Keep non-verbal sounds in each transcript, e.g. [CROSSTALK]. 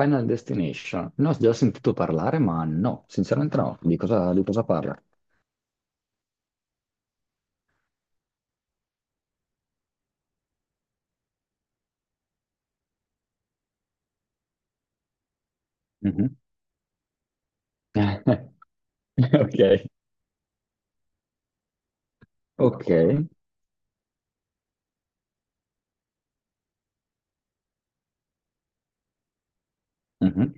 Final Destination. Ne ho già sentito parlare, ma no, sinceramente no. Di cosa parla? Mhm. [LAUGHS] Ok, ok. Mhm.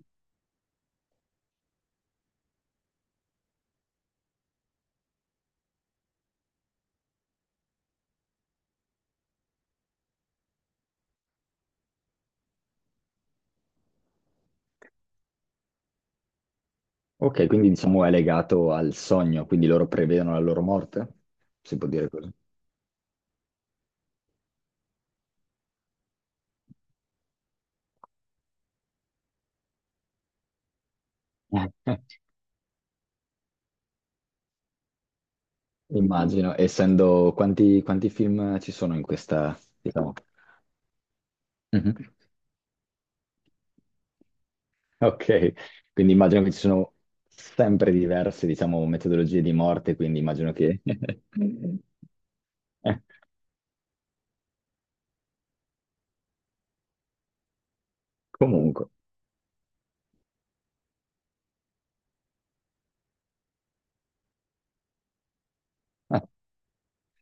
Ok, quindi diciamo è legato al sogno, quindi loro prevedono la loro morte? Si può dire così? [LAUGHS] Immagino, essendo quanti, quanti film ci sono in questa, diciamo. Mhm. Ok, quindi immagino che ci sono sempre diverse, diciamo, metodologie di morte, quindi immagino che... [LAUGHS] Comunque.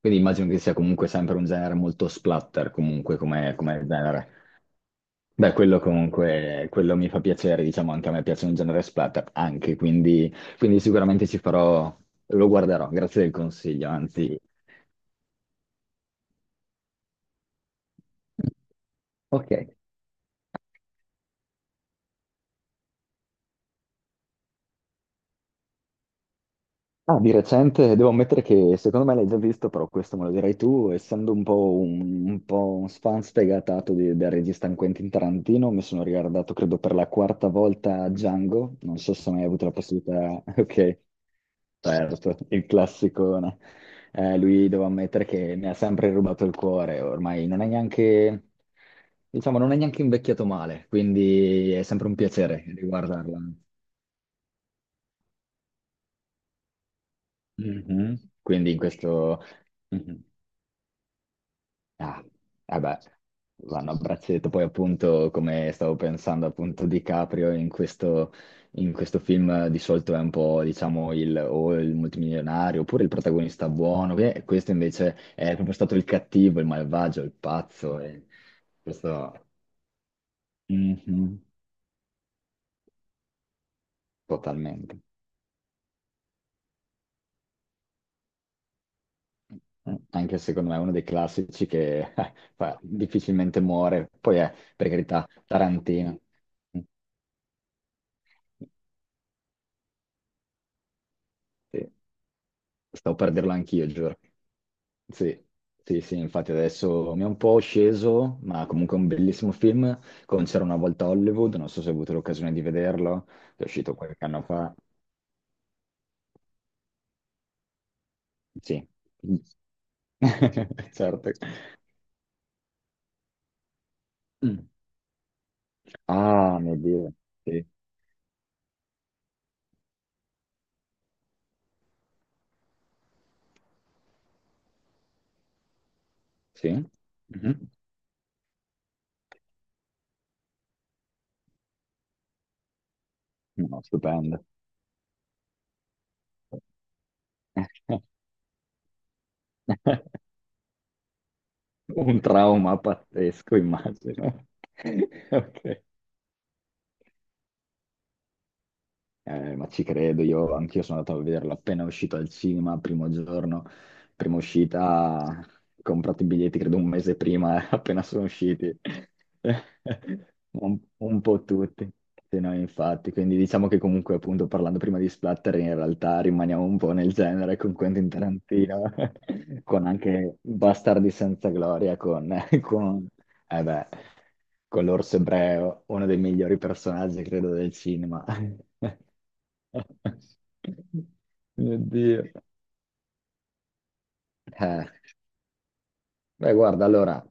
Quindi immagino che sia comunque sempre un genere molto splatter, comunque come, come genere. Beh, quello comunque, quello mi fa piacere, diciamo, anche a me piace un genere splatter, anche, quindi, quindi sicuramente ci farò, lo guarderò, grazie del consiglio, anzi. Ok. Ah, di recente devo ammettere che secondo me l'hai già visto, però questo me lo direi tu, essendo un po' un fan sfegatato del regista Quentin Tarantino, mi sono riguardato credo per la quarta volta Django, non so se hai mai avuto la possibilità, [LAUGHS] ok, certo, il classicone. Lui devo ammettere che mi ha sempre rubato il cuore, ormai non è neanche, diciamo, non è neanche invecchiato male, quindi è sempre un piacere riguardarla. Mhm. Quindi in questo... Mhm. Ah, eh beh, vanno a braccetto. Poi appunto, come stavo pensando appunto di Caprio in questo film di solito è un po', diciamo, il, o il multimilionario oppure il protagonista buono. Questo invece è proprio stato il cattivo, il malvagio, il pazzo. E questo... Mhm, totalmente. Anche secondo me è uno dei classici che [LAUGHS] difficilmente muore. Poi è, per carità, Tarantino. Sì. Stavo per dirlo anch'io, giuro. Sì, sì, sì, infatti adesso mi è un po' sceso, ma comunque è un bellissimo film, con C'era una volta a Hollywood, non so se hai avuto l'occasione di vederlo, che è uscito qualche anno fa. Sì, [LAUGHS] certo. Mm. Ah, mio Dio, sì, sì. Mhm. No, stupendo. [LAUGHS] Un trauma pazzesco, immagino. [LAUGHS] Ok. Ma ci credo, io anch'io sono andato a vederlo appena uscito al cinema, primo giorno, prima uscita, ho comprato i biglietti credo un mese prima, [LAUGHS] appena sono usciti, [LAUGHS] un po' tutti. Sì, no, infatti, quindi diciamo che comunque appunto parlando prima di splatter in realtà rimaniamo un po' nel genere con Quentin Tarantino, [LAUGHS] con anche Bastardi senza gloria, con, [LAUGHS] con eh beh, con l'orso ebreo, uno dei migliori personaggi, credo, del cinema. [LAUGHS] Mio Dio. Eh, beh, guarda, allora,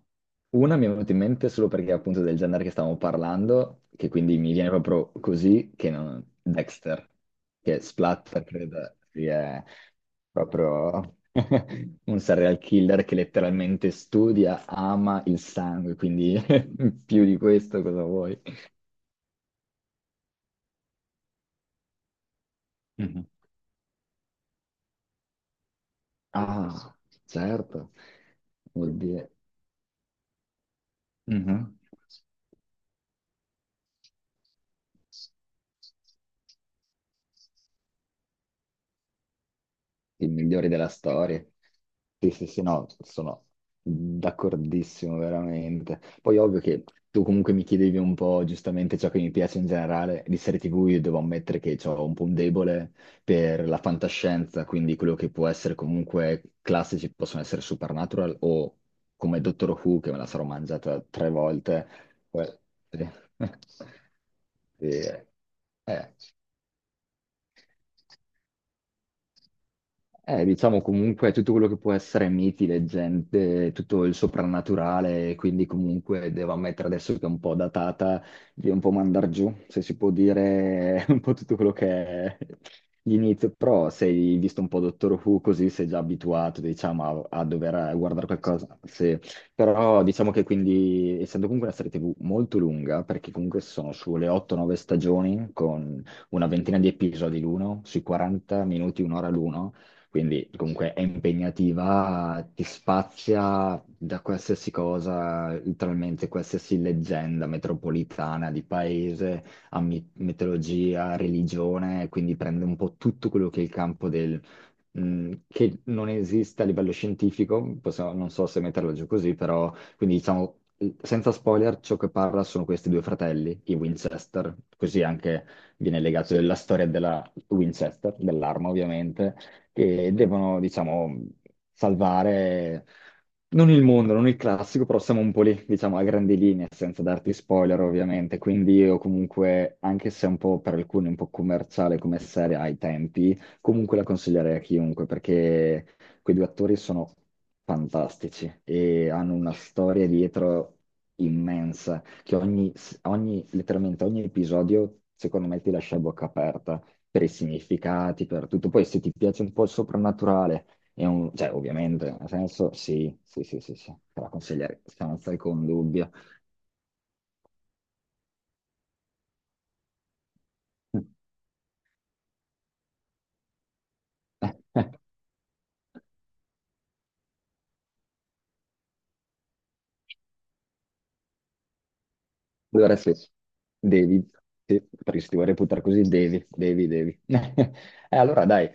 una mi è venuta in mente solo perché appunto del genere che stavamo parlando, che quindi mi viene proprio così, che non... Dexter, che splatter, credo, sia proprio [LAUGHS] un serial killer che letteralmente studia, ama il sangue, quindi [LAUGHS] più di questo cosa vuoi? Ah, certo, vuol dire... Mhm. I migliori della storia. Sì, sì, sì, no, sono d'accordissimo, veramente. Poi ovvio che tu comunque mi chiedevi un po' giustamente ciò che mi piace in generale di serie TV, io devo ammettere che ho un po' un debole per la fantascienza, quindi quello che può essere comunque classici possono essere Supernatural o come Doctor Who, che me la sarò mangiata tre volte. Que- [LAUGHS] sì. Sì, eh. Diciamo comunque tutto quello che può essere miti, leggende, tutto il soprannaturale, quindi comunque devo ammettere adesso che è un po' datata, di un po' mandar giù, se si può dire [LAUGHS] un po' tutto quello che è l'inizio, però sei visto un po' Dottor Who così sei già abituato, diciamo, a, a dover guardare qualcosa, sì. Però diciamo che quindi, essendo comunque una serie TV molto lunga, perché comunque sono sulle 8-9 stagioni, con una ventina di episodi l'uno, sui 40 minuti, un'ora l'uno, quindi comunque è impegnativa, ti spazia da qualsiasi cosa, letteralmente qualsiasi leggenda metropolitana di paese a mitologia, religione, quindi prende un po' tutto quello che è il campo del che non esiste a livello scientifico, non so se metterla giù così, però quindi diciamo, senza spoiler, ciò che parla sono questi due fratelli, i Winchester, così anche viene legato alla storia della Winchester, dell'arma ovviamente, che devono, diciamo, salvare... Non il mondo, non il classico, però siamo un po' lì, diciamo, a grandi linee, senza darti spoiler ovviamente, quindi io comunque, anche se è un po' per alcuni un po' commerciale come serie ai tempi, comunque la consiglierei a chiunque perché quei due attori sono fantastici e hanno una storia dietro immensa, che ogni, letteralmente ogni episodio secondo me ti lascia a bocca aperta per i significati, per tutto. Poi se ti piace un po' il soprannaturale, è cioè ovviamente, nel senso sì, sì, sì, sì, sì, te la consiglierei senza alcun dubbio. [LAUGHS] Allora sì, devi, sì, perché se ti vuoi reputare così devi, devi, devi. [LAUGHS] E allora dai,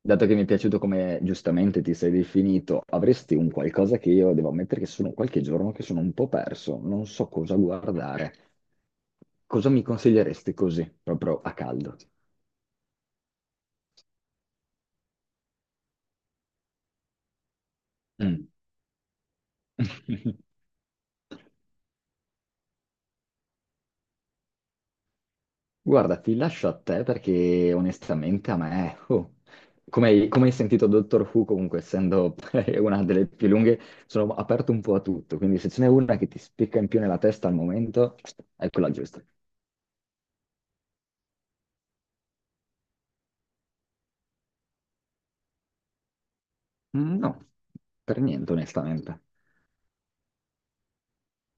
dato che mi è piaciuto come giustamente ti sei definito, avresti un qualcosa che io devo ammettere che sono qualche giorno che sono un po' perso, non so cosa guardare. Cosa mi consiglieresti così, proprio a caldo? Mm. [LAUGHS] Guarda, ti lascio a te perché onestamente a me, oh, come hai, come hai sentito Doctor Who, comunque essendo [LAUGHS] una delle più lunghe, sono aperto un po' a tutto, quindi se ce n'è una che ti spicca in più nella testa al momento, è quella giusta. Mm, no, per niente onestamente.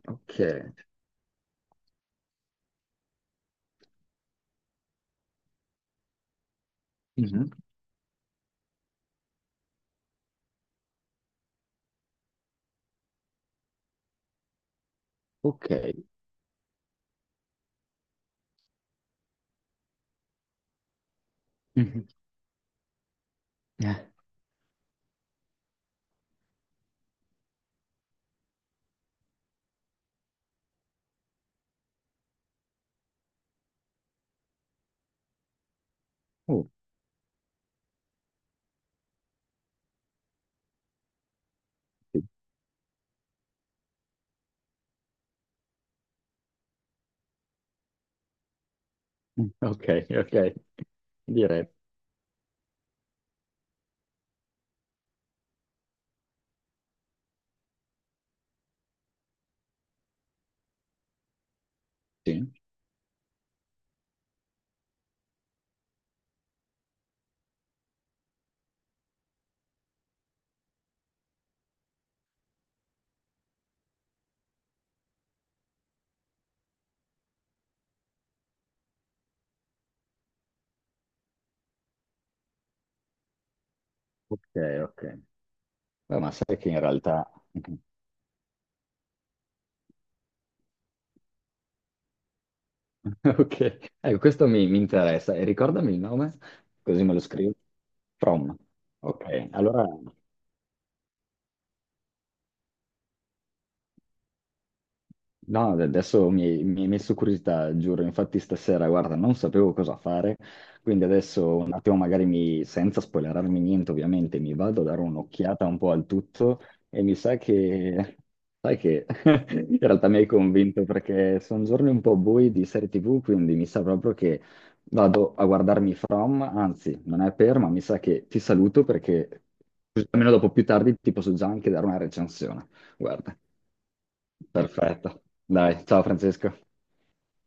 Ok. Mhm. Ok. Mhm. Eh, oh, sì. Mm, ok, ok. Direi sì. Ok, ok. Beh, ma sai che in realtà... [LAUGHS] Ok, ecco, questo mi, mi interessa. E ricordami il nome, così me lo scrivo. From. Ok, allora. No, adesso mi hai messo curiosità, giuro. Infatti stasera, guarda, non sapevo cosa fare, quindi adesso un attimo magari mi, senza spoilerarmi niente, ovviamente, mi vado a dare un'occhiata un po' al tutto e mi sa che, sai che [LAUGHS] in realtà mi hai convinto perché sono giorni un po' bui di serie TV, quindi mi sa proprio che vado a guardarmi From, anzi, non è per, ma mi sa che ti saluto perché così almeno dopo più tardi ti posso già anche dare una recensione. Guarda. Perfetto. Dai, ciao Francesco.